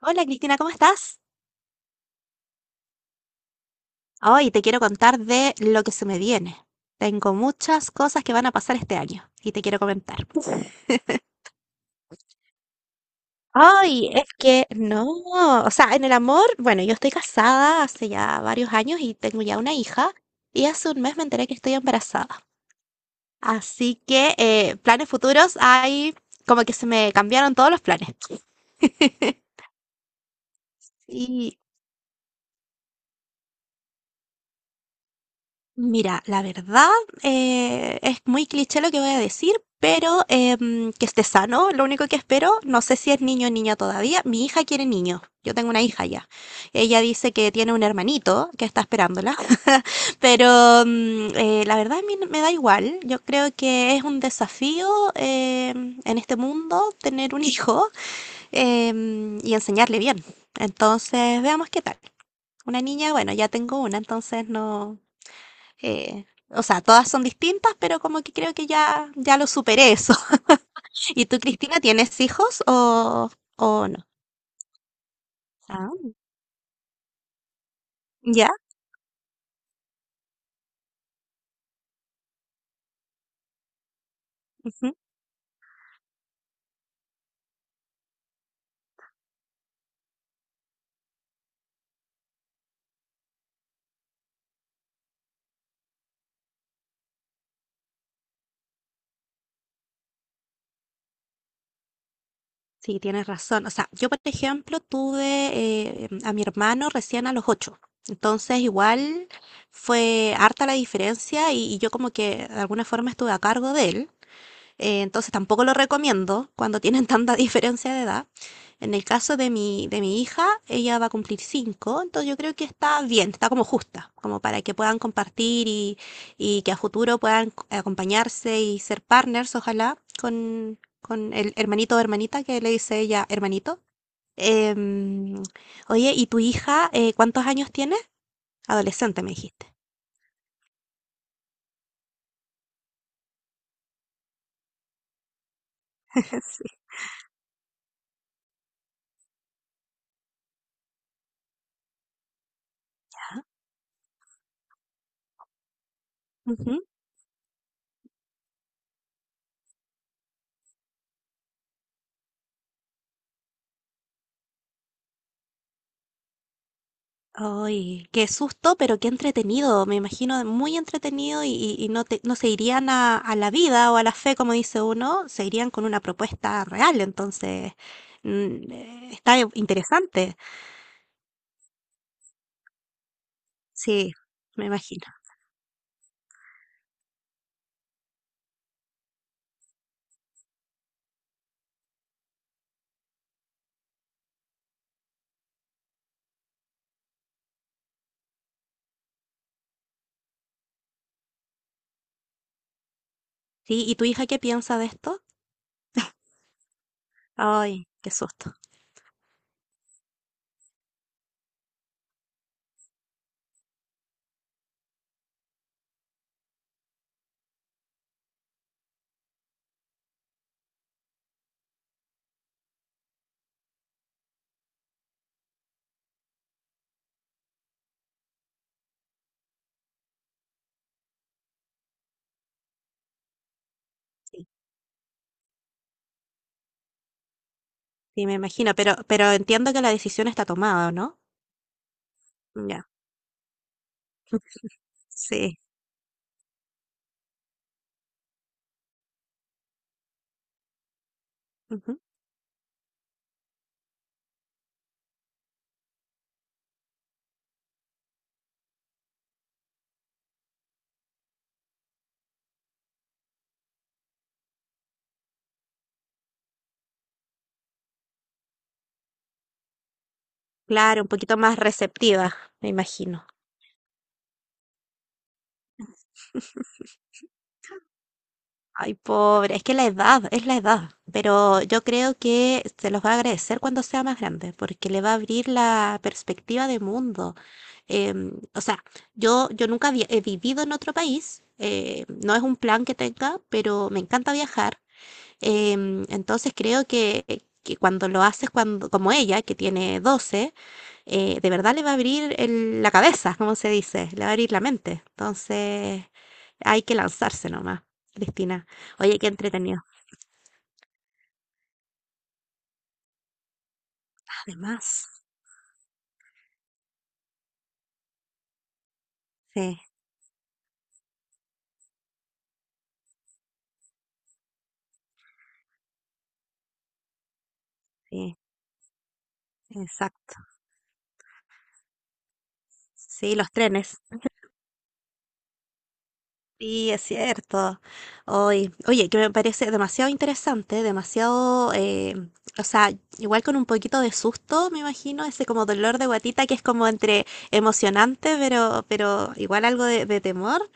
Hola Cristina, ¿cómo estás? Hoy te quiero contar de lo que se me viene. Tengo muchas cosas que van a pasar este año y te quiero comentar. Ay, es que no, o sea, en el amor, bueno, yo estoy casada hace ya varios años y tengo ya una hija y hace un mes me enteré que estoy embarazada. Así que planes futuros hay, como que se me cambiaron todos los planes. Y Mira, la verdad es muy cliché lo que voy a decir, pero que esté sano, lo único que espero, no sé si es niño o niña todavía, mi hija quiere niño, yo tengo una hija ya, ella dice que tiene un hermanito que está esperándola, pero la verdad a mí me da igual, yo creo que es un desafío en este mundo tener un hijo y enseñarle bien, entonces veamos qué tal. Una niña, bueno, ya tengo una, entonces no. O sea, todas son distintas, pero como que creo que ya, ya lo superé eso. ¿Y tú, Cristina, tienes hijos o no? Ah, ya. Ujú. Sí, tienes razón. O sea, yo, por ejemplo, tuve a mi hermano recién a los 8. Entonces, igual fue harta la diferencia y yo como que de alguna forma estuve a cargo de él. Entonces tampoco lo recomiendo cuando tienen tanta diferencia de edad. En el caso de mi hija, ella va a cumplir 5, entonces yo creo que está bien, está como justa, como para que puedan compartir y que a futuro puedan acompañarse y ser partners, ojalá, con el hermanito o hermanita, que le dice ella hermanito. Em, Oye, ¿y tu hija cuántos años tiene? Adolescente, me dijiste. Sí. Ujú. Ay, qué susto, pero qué entretenido. Me imagino muy entretenido y no no se irían a la vida o a la fe, como dice uno, se irían con una propuesta real. Entonces, está interesante. Sí, me imagino. Sí, ¿y tu hija qué piensa de esto? Ay, qué susto. Sí, sí, me imagino, pero entiendo que la decisión está tomada, ¿no? Ya, sí. Ujú. Claro, un poquito más receptiva, me imagino. Ay, pobre, es que la edad, es la edad, pero yo creo que se los va a agradecer cuando sea más grande, porque le va a abrir la perspectiva de mundo. O sea, yo nunca he vivido en otro país, no es un plan que tenga, pero me encanta viajar. Entonces creo que cuando lo haces, cuando, como ella, que tiene 12, de verdad le va a abrir la cabeza, como se dice, le va a abrir la mente. Entonces, hay que lanzarse nomás, Cristina. Oye, qué entretenido. Además, sí, sí, exacto. Sí, los trenes. Sí, es cierto. Hoy, oye, que me parece demasiado interesante, demasiado, o sea, igual con un poquito de susto, me imagino, ese como dolor de guatita que es como entre emocionante, pero igual algo de temor.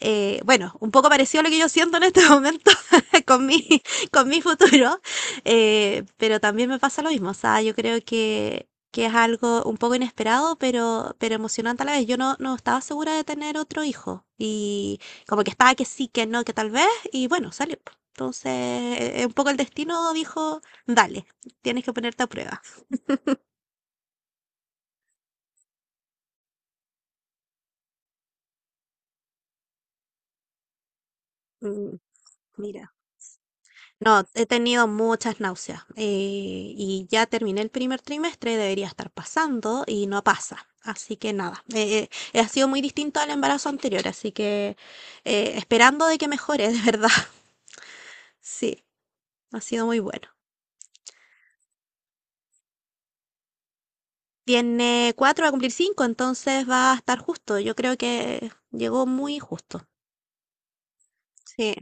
Bueno, un poco parecido a lo que yo siento en este momento, con mi, con mi futuro, pero también me pasa lo mismo. O sea, yo creo que es algo un poco inesperado, pero emocionante a la vez. Yo no estaba segura de tener otro hijo y como que estaba que sí, que no, que tal vez, y bueno, salió. Entonces, un poco el destino dijo, dale, tienes que ponerte a prueba. Mm, mira. No, he tenido muchas náuseas, y ya terminé el primer trimestre, debería estar pasando y no pasa. Así que nada, ha sido muy distinto al embarazo anterior, así que esperando de que mejore, de verdad. Sí, ha sido muy bueno. Tiene 4, va a cumplir cinco, entonces va a estar justo. Yo creo que llegó muy justo. Sí,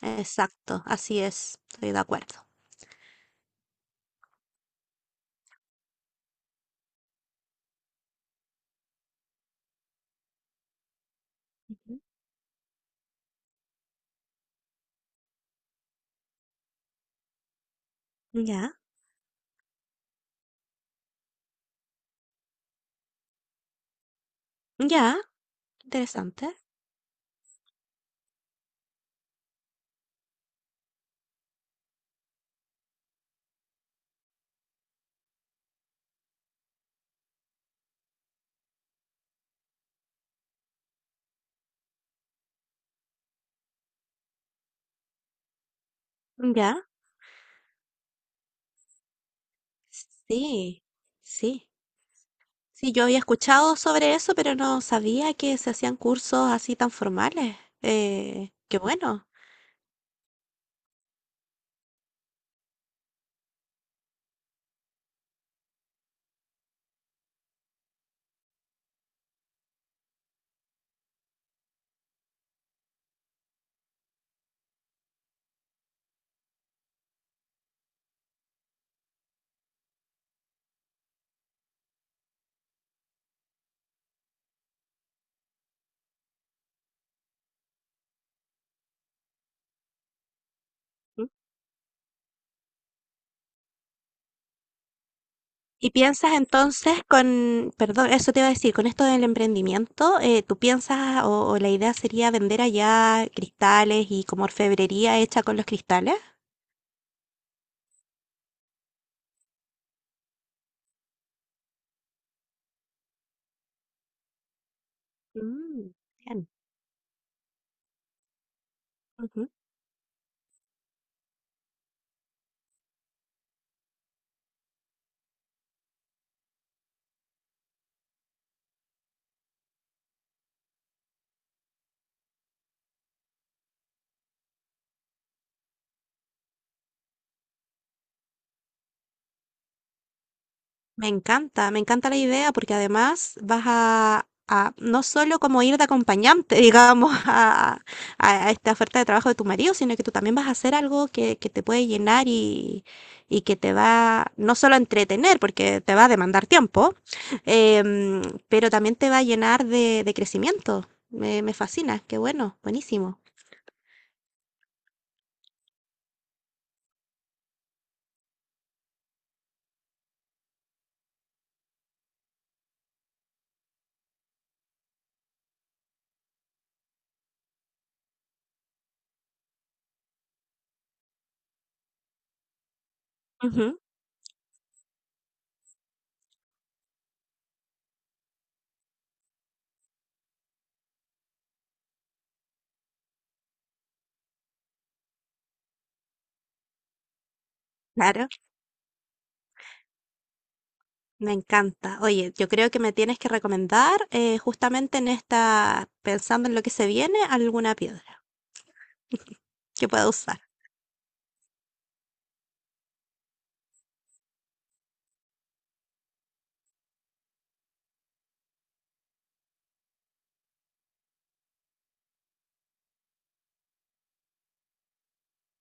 exacto, así es, estoy de acuerdo. Ya, ya, interesante. Ya, sí, sí. Sí, yo había escuchado sobre eso, pero no sabía que se hacían cursos así tan formales. Qué bueno. ¿Mm? ¿Y piensas entonces con, perdón, eso te iba a decir, con esto del emprendimiento, tú piensas o la idea sería vender allá cristales y como orfebrería hecha con los cristales? Mm, bien. Me encanta la idea porque además vas a no solo como ir de acompañante, digamos, a, a esta oferta de trabajo de tu marido, sino que tú también vas a hacer algo que te puede llenar y que te va no solo a entretener, porque te va a demandar tiempo, em, pero también te va a llenar de crecimiento. Me fascina, qué bueno, buenísimo. Ujú, claro. Me encanta. Oye, yo creo que me tienes que recomendar justamente en esta, pensando en lo que se viene, alguna piedra que pueda usar.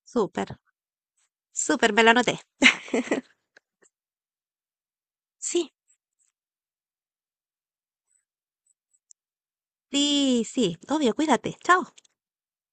Súper, súper, me la anoté. Sí, sí, sí, obvio, cuídate. Chao.